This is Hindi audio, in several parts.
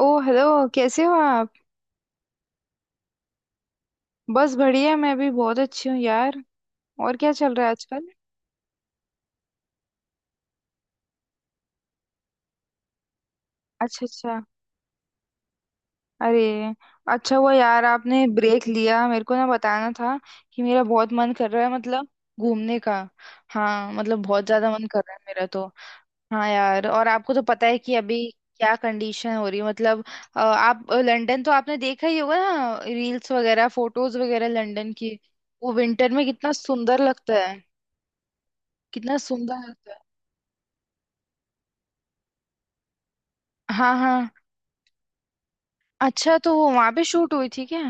ओ हेलो। कैसे हो आप? बस बढ़िया, मैं भी बहुत अच्छी हूँ यार। और क्या चल रहा है आजकल? अच्छा अच्छा। अरे, अच्छा हुआ यार आपने ब्रेक लिया। मेरे को ना बताना था कि मेरा बहुत मन कर रहा है, मतलब घूमने का। हाँ मतलब बहुत ज्यादा मन कर रहा है मेरा तो। हाँ यार, और आपको तो पता है कि अभी क्या कंडीशन हो रही है, मतलब आप लंदन तो आपने देखा ही होगा ना, रील्स वगैरह फोटोज वगैरह लंदन की। वो विंटर में कितना सुंदर लगता है, कितना सुंदर लगता है। हाँ हाँ। अच्छा तो वो वहां पे शूट हुई थी क्या?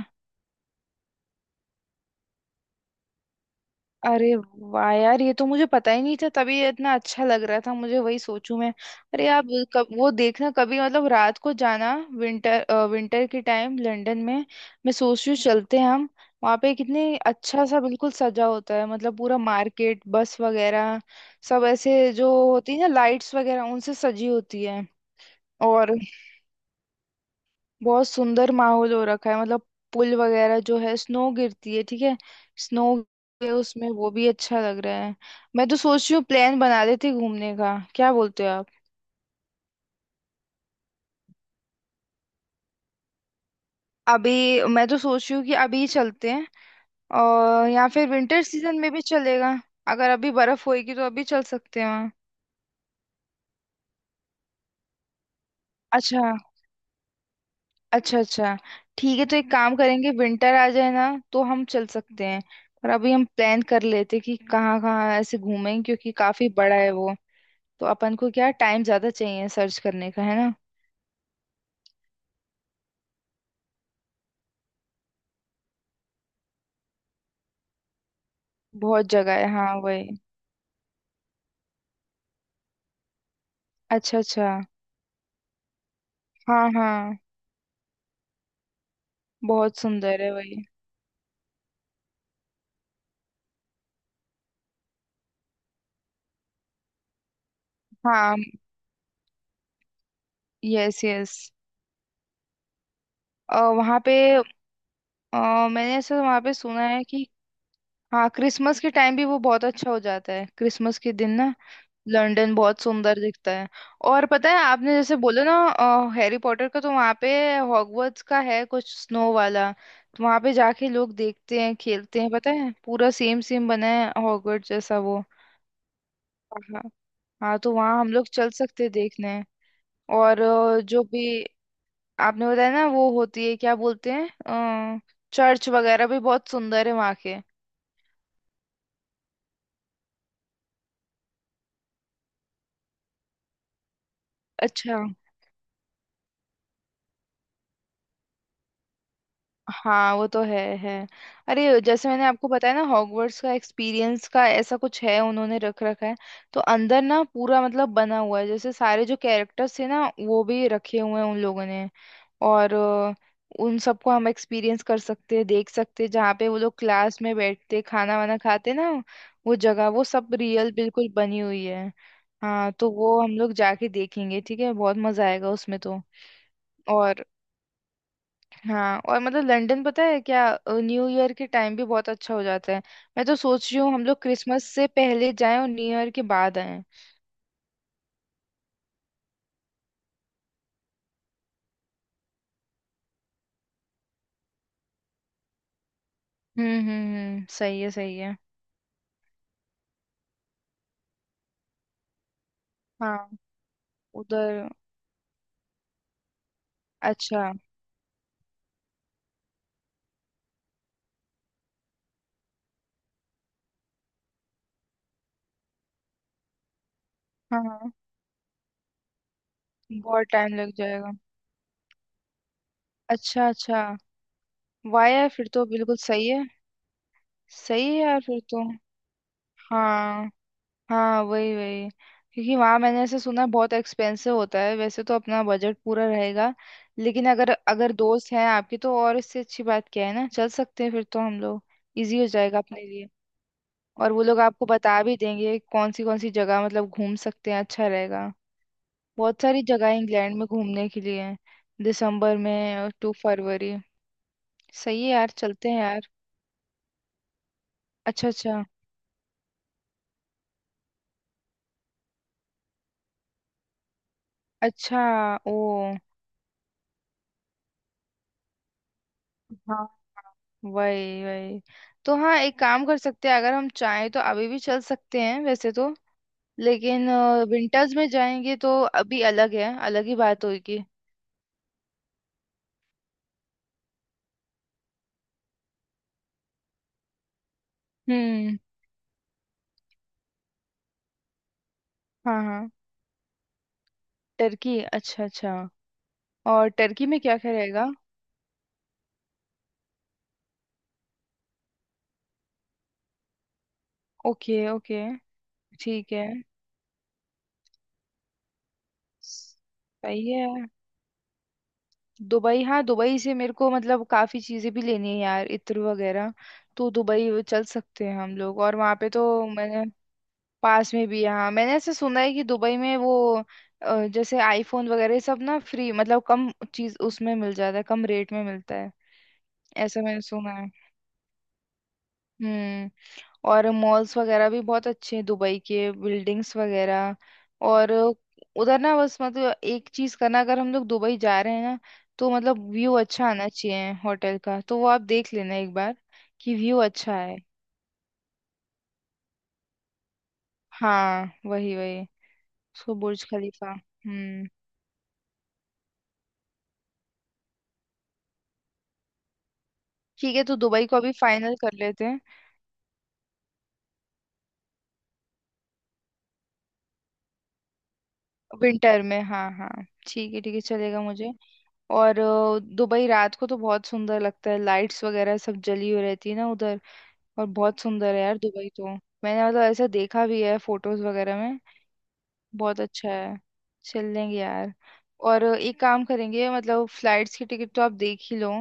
अरे वाह यार, ये तो मुझे पता ही नहीं था, तभी ये इतना अच्छा लग रहा था, मुझे वही सोचूं मैं। अरे आप वो कब वो देखना कभी, मतलब रात को जाना, विंटर, विंटर के टाइम लंदन में। मैं सोच रही हूँ चलते हैं हम। वहाँ पे कितने अच्छा सा बिल्कुल सजा होता है, मतलब पूरा मार्केट बस वगैरह, सब ऐसे जो होती है ना लाइट्स वगैरह, उनसे सजी होती है। और बहुत सुंदर माहौल हो रखा है मतलब। पुल वगैरह जो है, स्नो गिरती है, ठीक है। स्नो है उसमें, वो भी अच्छा लग रहा है। मैं तो सोच रही हूँ प्लान बना लेते हैं घूमने का, क्या बोलते हो आप? अभी मैं तो सोच रही हूँ कि अभी ही चलते हैं, और या फिर विंटर सीजन में भी चलेगा। अगर अभी बर्फ होएगी तो अभी चल सकते हैं वहाँ। अच्छा अच्छा अच्छा। ठीक है, तो एक काम करेंगे, विंटर आ जाए ना तो हम चल सकते हैं। पर अभी हम प्लान कर लेते हैं कि कहाँ कहाँ ऐसे घूमें, क्योंकि काफी बड़ा है वो। तो अपन को क्या टाइम ज्यादा चाहिए सर्च करने का, है ना। बहुत जगह है हाँ वही। अच्छा अच्छा। हाँ हाँ। बहुत सुंदर है वही। हाँ। Yes yes. वहाँ पे मैंने ऐसा वहाँ पे सुना है कि हाँ क्रिसमस के टाइम भी वो बहुत अच्छा हो जाता है। क्रिसमस के दिन ना लंदन बहुत सुंदर दिखता है। और पता है आपने जैसे बोला ना, हैरी पॉटर का तो वहाँ पे हॉगवर्ट्स का है कुछ स्नो वाला, तो वहाँ पे जाके लोग देखते हैं खेलते हैं। पता है पूरा सेम सेम बना है हॉगवर्ट्स जैसा वो। हाँ। हाँ तो वहाँ हम लोग चल सकते हैं देखने। और जो भी आपने बताया ना वो होती है क्या बोलते हैं, चर्च वगैरह भी बहुत सुंदर है वहाँ के। अच्छा। हाँ वो तो है है। अरे जैसे मैंने आपको बताया ना हॉगवर्ट्स का एक्सपीरियंस का ऐसा कुछ है, उन्होंने रख रखा है। तो अंदर ना पूरा मतलब बना हुआ है, जैसे सारे जो कैरेक्टर्स थे ना वो भी रखे हुए हैं उन लोगों ने। और उन सबको हम एक्सपीरियंस कर सकते हैं, देख सकते हैं जहाँ पे वो लोग क्लास में बैठते खाना वाना खाते ना, वो जगह वो सब रियल बिल्कुल बनी हुई है। हाँ तो वो हम लोग जाके देखेंगे। ठीक है, बहुत मजा आएगा उसमें तो। और हाँ, और मतलब लंदन पता है क्या, न्यू ईयर के टाइम भी बहुत अच्छा हो जाता है। मैं तो सोच रही हूँ हम लोग क्रिसमस से पहले जाएं और न्यू ईयर के बाद आएं। सही है सही है। हाँ। उधर। अच्छा। हाँ हाँ, बहुत टाइम लग जाएगा। अच्छा अच्छा। वाया फिर तो बिल्कुल सही है। सही है यार फिर तो। हाँ। हाँ वही वही। क्योंकि वहाँ मैंने ऐसे सुना है बहुत एक्सपेंसिव होता है, वैसे तो अपना बजट पूरा रहेगा, लेकिन अगर अगर दोस्त हैं आपके तो, और इससे अच्छी बात क्या है ना, चल सकते हैं फिर तो हम लोग। इजी हो जाएगा अपने लिए। और वो लोग आपको बता भी देंगे कौन सी जगह मतलब घूम सकते हैं, अच्छा रहेगा। बहुत सारी जगह है इंग्लैंड में घूमने के लिए हैं, दिसंबर में और टू फरवरी। सही है यार, चलते हैं यार। अच्छा अच्छा अच्छा। ओ। हाँ वही वही। तो हाँ एक काम कर सकते हैं, अगर हम चाहें तो अभी भी चल सकते हैं वैसे तो, लेकिन विंटर्स में जाएंगे तो अभी अलग है, अलग ही बात होगी। हम्म। हाँ हाँ। टर्की, अच्छा अच्छा। और टर्की में क्या क्या रहेगा? Okay okay. ठीक है। सही है। दुबई, हाँ दुबई से मेरे को मतलब काफी चीजें भी लेनी है यार, इत्र वगैरह। तो दुबई वो चल सकते हैं हम लोग, और वहाँ पे तो मैंने, पास में भी हाँ। मैंने ऐसे सुना है कि दुबई में वो, जैसे आईफोन वगैरह सब ना फ्री, मतलब कम चीज उसमें मिल जाता है, कम रेट में मिलता है, ऐसा मैंने सुना है। हम्म। और मॉल्स वगैरह भी बहुत अच्छे हैं दुबई के, बिल्डिंग्स वगैरह। और उधर ना बस मतलब एक चीज करना, अगर हम लोग दुबई जा रहे हैं ना, तो मतलब व्यू अच्छा आना चाहिए होटल का, तो वो आप देख लेना एक बार कि व्यू अच्छा है। हाँ वही वही। उसको बुर्ज खलीफा। हम्म। ठीक है, तो दुबई को अभी फाइनल कर लेते हैं। विंटर में हाँ हाँ, ठीक है ठीक है, चलेगा मुझे। और दुबई रात को तो बहुत सुंदर लगता है, लाइट्स वगैरह सब जली हुई रहती है ना उधर। और बहुत सुंदर है यार दुबई तो, मैंने मतलब ऐसा देखा भी है फोटोज वगैरह में। बहुत अच्छा है, चल लेंगे यार। और एक काम करेंगे, मतलब फ्लाइट्स की टिकट तो आप देख ही लो,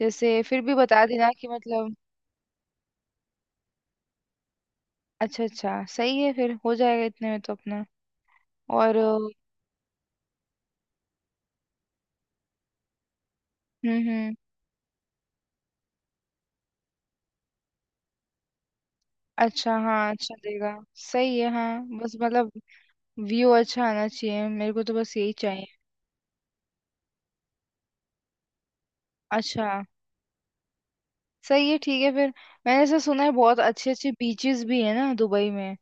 जैसे फिर भी बता देना कि मतलब, अच्छा अच्छा सही है, फिर हो जाएगा इतने में तो अपना। और हम्म। अच्छा हाँ चलेगा। सही है हाँ, बस मतलब व्यू अच्छा आना चाहिए मेरे को, तो बस यही चाहिए। अच्छा। सही है ठीक है फिर। मैंने ऐसा सुना है बहुत अच्छे अच्छे बीचेस भी है ना दुबई में,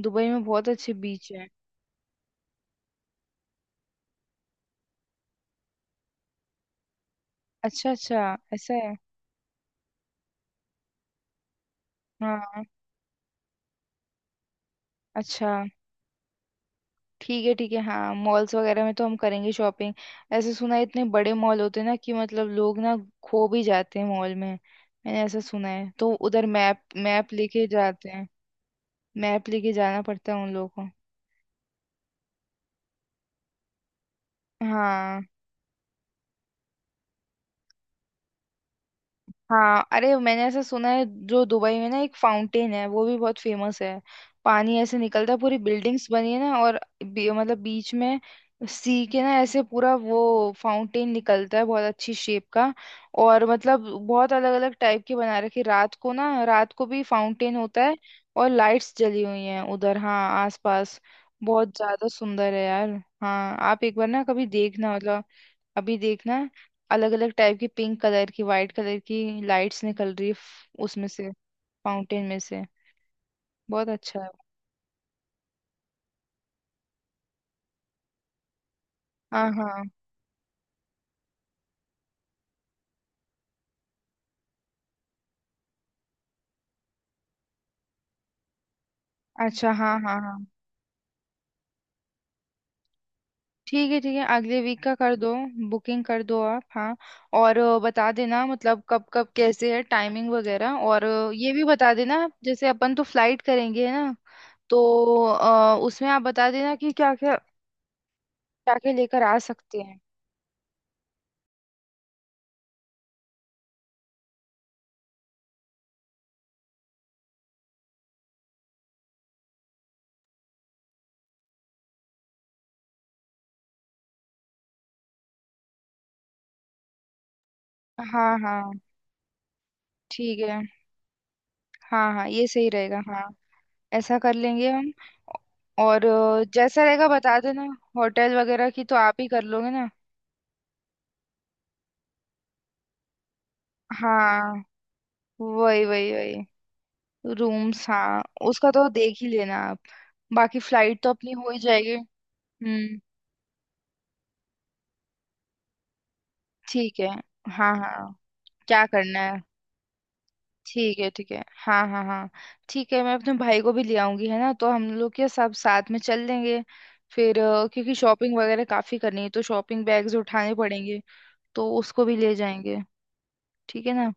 दुबई में बहुत अच्छे बीच है। अच्छा अच्छा ऐसा है। हाँ। अच्छा। ठीक है ठीक है, हाँ मॉल्स वगैरह में तो हम करेंगे शॉपिंग। ऐसे सुना है इतने बड़े मॉल होते हैं ना, कि मतलब लोग ना खो भी जाते हैं मॉल में, मैंने ऐसा सुना है। तो उधर मैप मैप लेके जाते हैं, मैप लेके जाना पड़ता है उन लोगों को। हाँ हाँ, अरे मैंने ऐसा सुना है, जो दुबई में ना एक फाउंटेन है वो भी बहुत फेमस है। पानी ऐसे निकलता है, पूरी बिल्डिंग्स बनी है ना, और मतलब बीच में सी के ना, ऐसे पूरा वो फाउंटेन निकलता है, बहुत अच्छी शेप का। और मतलब बहुत अलग अलग टाइप के बना रखे, रात को ना, रात को भी फाउंटेन होता है। और लाइट्स जली हुई हैं उधर हाँ, आसपास। बहुत ज्यादा सुंदर है यार। हाँ आप एक बार ना कभी देखना, मतलब अभी देखना। अलग अलग टाइप की पिंक कलर की वाइट कलर की लाइट्स निकल रही है उसमें से, फाउंटेन में से। बहुत अच्छा है। हाँ हाँ। अच्छा हाँ हाँ हाँ। ठीक है ठीक है, अगले वीक का कर दो। बुकिंग कर दो आप हाँ। और बता देना मतलब कब कब कैसे है टाइमिंग वगैरह, और ये भी बता देना जैसे अपन तो फ्लाइट करेंगे है ना, तो उसमें आप बता देना कि क्या क्या, क्या क्या लेकर आ सकते हैं। हाँ हाँ। ठीक है। हाँ हाँ ये सही रहेगा हाँ। ऐसा कर लेंगे हम। और जैसा रहेगा बता देना, होटल वगैरह की तो आप ही कर लोगे ना। हाँ वही वही वही। रूम्स हाँ, उसका तो देख ही लेना आप, बाकी फ्लाइट तो अपनी हो ही जाएगी। हम्म। ठीक है। हाँ हाँ, क्या करना है। ठीक है ठीक है हाँ हाँ हाँ। ठीक है, मैं अपने भाई को भी ले आऊंगी है ना, तो हम लोग क्या सब साथ में चल लेंगे फिर। क्योंकि शॉपिंग वगैरह काफी करनी है, तो शॉपिंग बैग्स उठाने पड़ेंगे, तो उसको भी ले जाएंगे, ठीक है ना।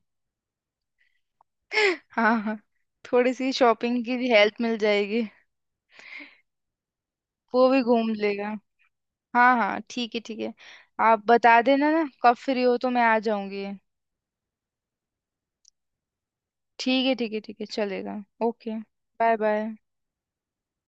हाँ हाँ, थोड़ी सी शॉपिंग की भी हेल्प मिल जाएगी, वो भी घूम लेगा। हाँ हाँ ठीक है ठीक है। आप बता देना ना कब फ्री हो तो मैं आ जाऊंगी। ठीक है ठीक है ठीक है, चलेगा ओके। Bye bye.